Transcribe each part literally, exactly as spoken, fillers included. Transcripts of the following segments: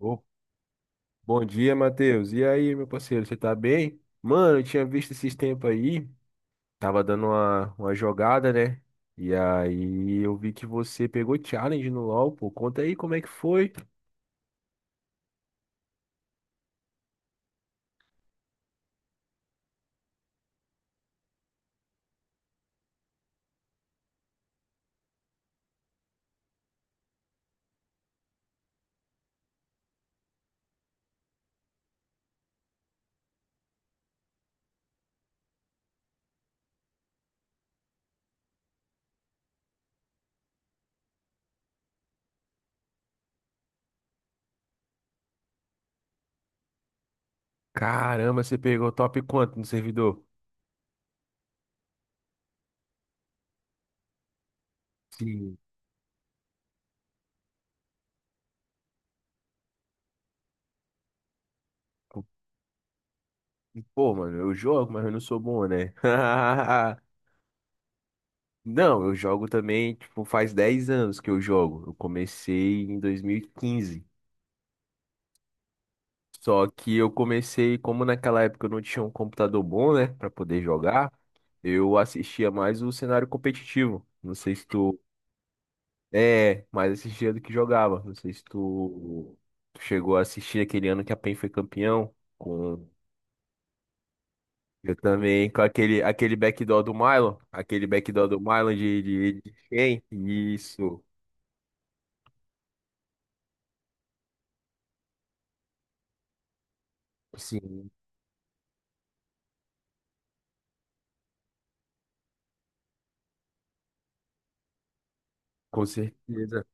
Ô, bom dia, Matheus. E aí, meu parceiro, você tá bem? Mano, eu tinha visto esses tempos aí, tava dando uma, uma jogada, né? E aí eu vi que você pegou challenge no LoL, pô. Conta aí como é que foi. Caramba, você pegou top quanto no servidor? Sim. Pô, mano, eu jogo, mas eu não sou bom, né? Não, eu jogo também, tipo, faz dez anos que eu jogo. Eu comecei em dois mil e quinze. Só que eu comecei, como naquela época eu não tinha um computador bom, né, para poder jogar, eu assistia mais o cenário competitivo. Não sei se tu é, mais assistia do que jogava. Não sei se tu, tu chegou a assistir aquele ano que a PEN foi campeão com eu também com aquele aquele backdoor do Milo, aquele backdoor do Milo de de, de quem? Isso. Sim, com certeza.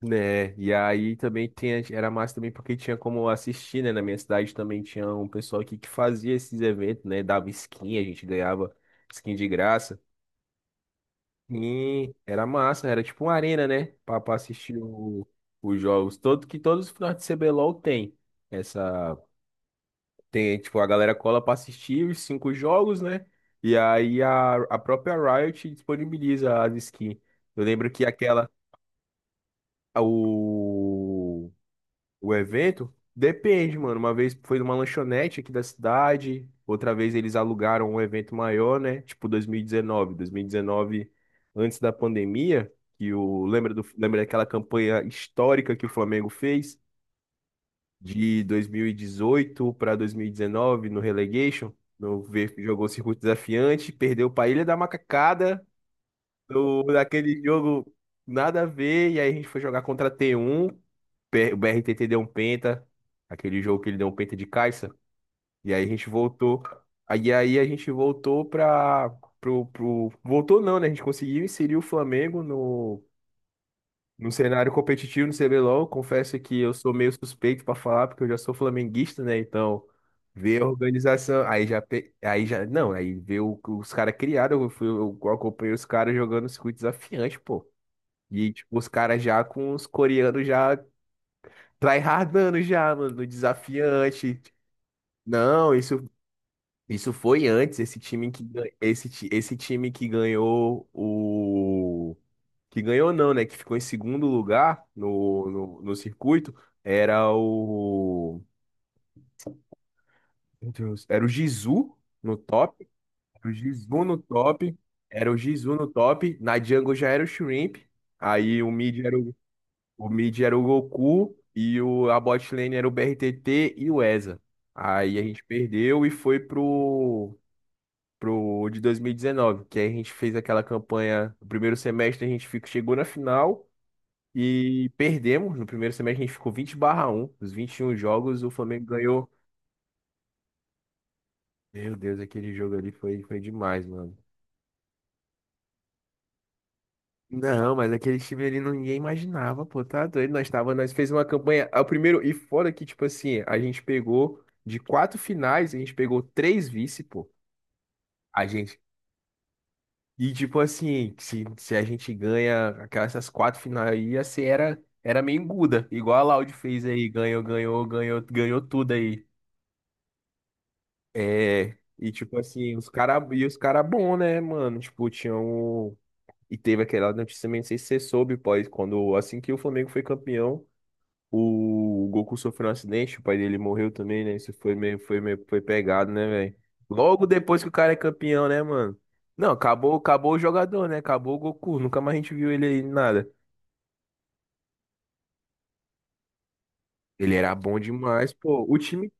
Né, e aí também tinha, era massa também porque tinha como assistir, né? Na minha cidade também tinha um pessoal aqui que fazia esses eventos, né? Dava skin, a gente ganhava skin de graça. E era massa, era tipo uma arena, né? Pra, pra assistir o- os jogos. Todo, que todos os finais de cê bê lol tem. Essa. Tem, tipo, a galera cola pra assistir os cinco jogos, né? E aí a, a própria Riot disponibiliza as skins. Eu lembro que aquela. O. O evento? Depende, mano. Uma vez foi numa lanchonete aqui da cidade, outra vez eles alugaram um evento maior, né? Tipo dois dois mil mil e dezenove. Dois mil e dois mil e dezenove, antes da pandemia, que o. Lembra do... Lembra daquela campanha histórica que o Flamengo fez? De dois mil e dezoito para dois mil e dezenove, no Relegation? No ver jogou circuito desafiante, perdeu para Ilha da Macacada do, daquele jogo nada a ver. E aí a gente foi jogar contra a T um. P- O B R T T deu um penta. Aquele jogo que ele deu um penta de caixa. E aí a gente voltou. Aí, aí a gente voltou pra. Pro, pro... Voltou não, né? A gente conseguiu inserir o Flamengo no, no cenário competitivo no cê bê lol. Confesso que eu sou meio suspeito pra falar, porque eu já sou flamenguista, né? Então, ver a organização. Aí já. pe- Aí já. Não, aí ver o- os caras criaram. Eu, fui- eu acompanhei os caras jogando circuito desafiante, pô. E, tipo, os caras já com os coreanos já tryhardando já, mano, no desafiante. Não, isso, isso foi antes, esse time que, gan- esse, ti- esse time que ganhou o... Que ganhou não, né? Que ficou em segundo lugar no, no, no circuito. Era o... Meu Deus, era o Jizu no top. Era o Jizu no top. Era o Jizu no top. Na jungle já era o Shrimp. Aí o mid era o O mid era o Goku e o, a bot lane era o B R T T e o E Z A. Aí a gente perdeu e foi pro, pro de dois mil e dezenove, que aí a gente fez aquela campanha. No primeiro semestre a gente ficou, chegou na final e perdemos. No primeiro semestre a gente ficou vinte barra um. Os vinte e um jogos o Flamengo ganhou. Meu Deus, aquele jogo ali foi, foi demais, mano. Não, mas aquele time ali não- ninguém imaginava, pô, tá doido. Nós tava, nós fez uma campanha, é o primeiro, e fora que, tipo assim, a gente pegou de quatro finais, a gente pegou três vice, pô. A gente, e tipo assim, se, se a gente ganha aquelas essas quatro finais aí, ia ser, era, era meio enguda, igual a Laude fez aí, ganhou, ganhou, ganhou, ganhou tudo aí. É, e tipo assim, os cara, e os cara bom, né, mano? Tipo, tinham e teve aquela notícia também, não sei se você soube, pô, quando, assim que o Flamengo foi campeão. O Goku sofreu um acidente, o pai dele morreu também, né? Isso foi meio, foi meio, foi pegado, né, velho? Logo depois que o cara é campeão, né, mano? Não, acabou, acabou o jogador, né? Acabou o Goku. Nunca mais a gente viu ele aí, nada. Ele era bom demais, pô. O time.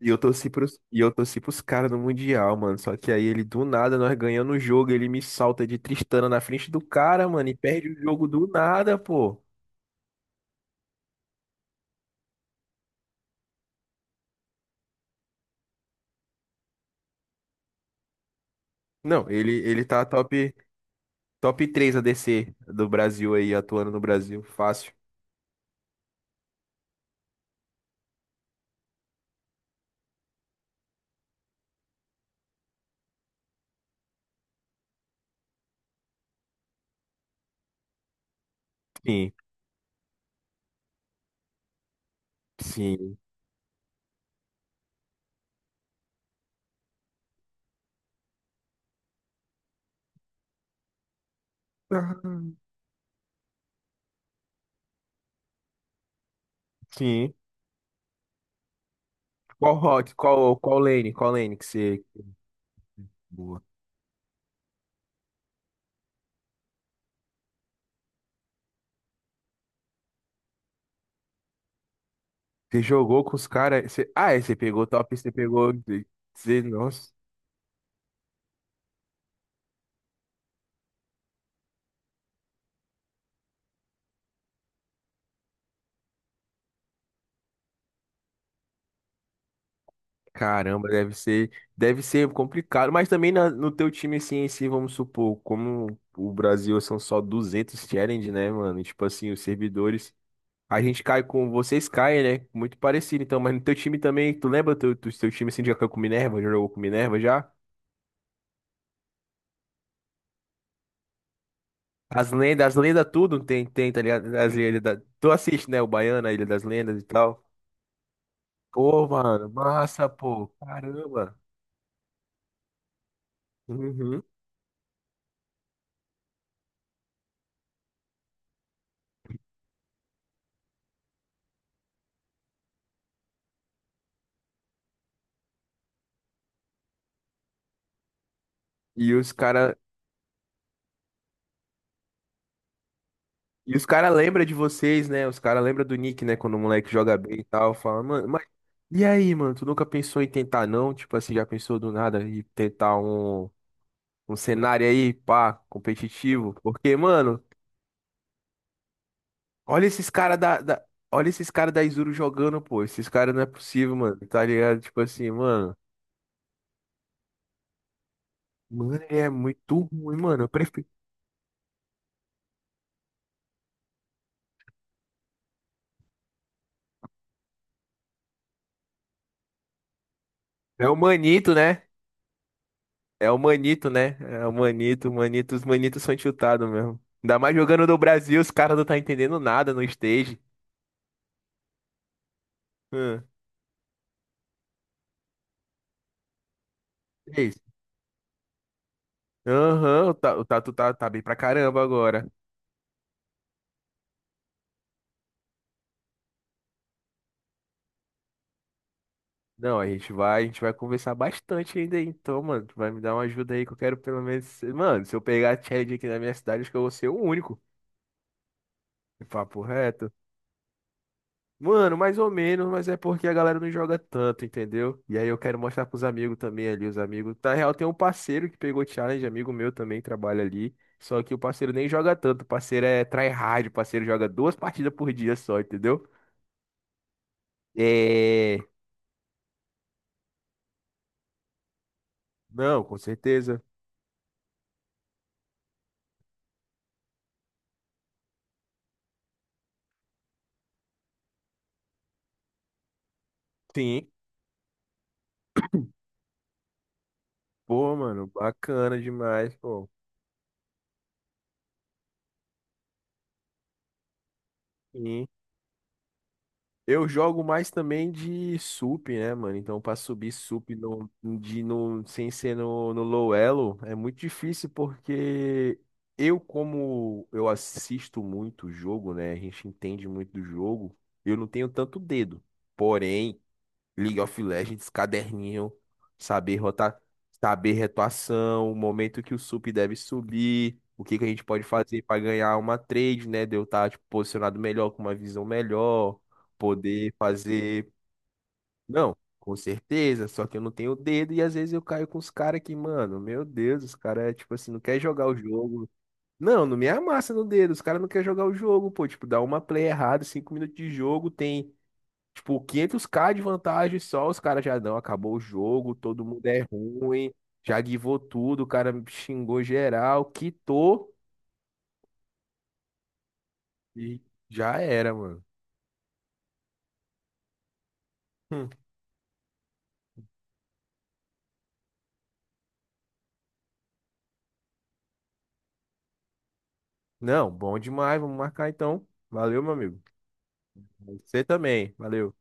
E eu torci pros, e eu torci pros caras no Mundial, mano. Só que aí ele, do nada, nós ganhando o jogo, ele me salta de Tristana na frente do cara, mano, e perde o jogo do nada, pô. Não, ele, ele tá top, top três A D C do Brasil aí, atuando no Brasil. Fácil. Sim. Sim. Aham. Sim. Qual rock, qual, qual lane, qual lane que você, boa. Você jogou com os caras? Você... Ah, é, você pegou top, você pegou. Você... Nossa, caramba, deve ser, deve ser complicado. Mas também na- no teu time, assim, em si, vamos supor, como o Brasil são só duzentos challenge, né, mano? E, tipo assim, os servidores. A gente cai com. Vocês caem, né? Muito parecido, então. Mas no teu time também, tu lembra do teu, do teu time assim, já caiu com Minerva? Já jogou com Minerva já? As lendas, as lendas tudo tem, tem, tá ligado? As lendas da- tu assiste, né? O Baiano, a Ilha das Lendas e tal. Pô, mano, massa, pô. Caramba. Uhum. E os cara, e os cara lembra de vocês, né? Os cara lembra do Nick, né? Quando o moleque joga bem e tal, fala, mano, mas e aí, mano? Tu nunca pensou em tentar, não? Tipo assim, já pensou do nada em tentar um, um cenário aí, pá, competitivo? Porque, mano, olha esses cara da, da- olha esses cara da Izuru jogando, pô. Esses cara não é possível, mano. Tá ligado? Tipo assim, mano. Mano, ele é muito ruim, mano. Eu prefiro. É o Manito, né? É o Manito, né? É o Manito, Manito. Os Manitos são chutados mesmo. Ainda mais jogando no Brasil, os caras não tá entendendo nada no stage. Hã, que isso? Aham, o Ta- o Tatu tá, tá bem pra caramba agora. Não, a gente vai, a gente vai conversar bastante ainda, aí. Então, mano, tu vai me dar uma ajuda aí que eu quero pelo menos. Mano, se eu pegar a Chad aqui na minha cidade, acho que eu vou ser o único. Papo reto. Mano, mais ou menos, mas é porque a galera não joga tanto, entendeu? E aí eu quero mostrar pros amigos também ali, os amigos. Na real, tem um parceiro que pegou challenge, amigo meu também trabalha ali. Só que o parceiro nem joga tanto, o parceiro é tryhard, o parceiro joga duas partidas por dia só, entendeu? É. Não, com certeza. Sim. Pô, mano, bacana demais, pô. Sim. Eu jogo mais também de sup, né, mano? Então, pra subir sup no, de, no, sem ser no, no low elo é muito difícil porque eu, como eu assisto muito o jogo, né? A gente entende muito do jogo, eu não tenho tanto dedo. Porém. League of Legends, caderninho, saber rotar, saber retuação, o momento que o sup deve subir, o que que a gente pode fazer para ganhar uma trade, né? De eu estar tipo, posicionado melhor, com uma visão melhor, poder fazer. Não, com certeza, só que eu não tenho o dedo e às vezes eu caio com os caras que, mano, meu Deus, os caras, tipo assim, não quer jogar o jogo. Não, não me amassa no dedo, os caras não querem jogar o jogo, pô, tipo, dá uma play errada, cinco minutos de jogo, tem tipo, quinhentos ka de vantagem só, os caras já não, acabou o jogo, todo mundo é ruim, já guivou tudo, o cara xingou geral, quitou e já era, mano. Hum. Não, bom demais, vamos marcar então. Valeu, meu amigo. Você também, valeu.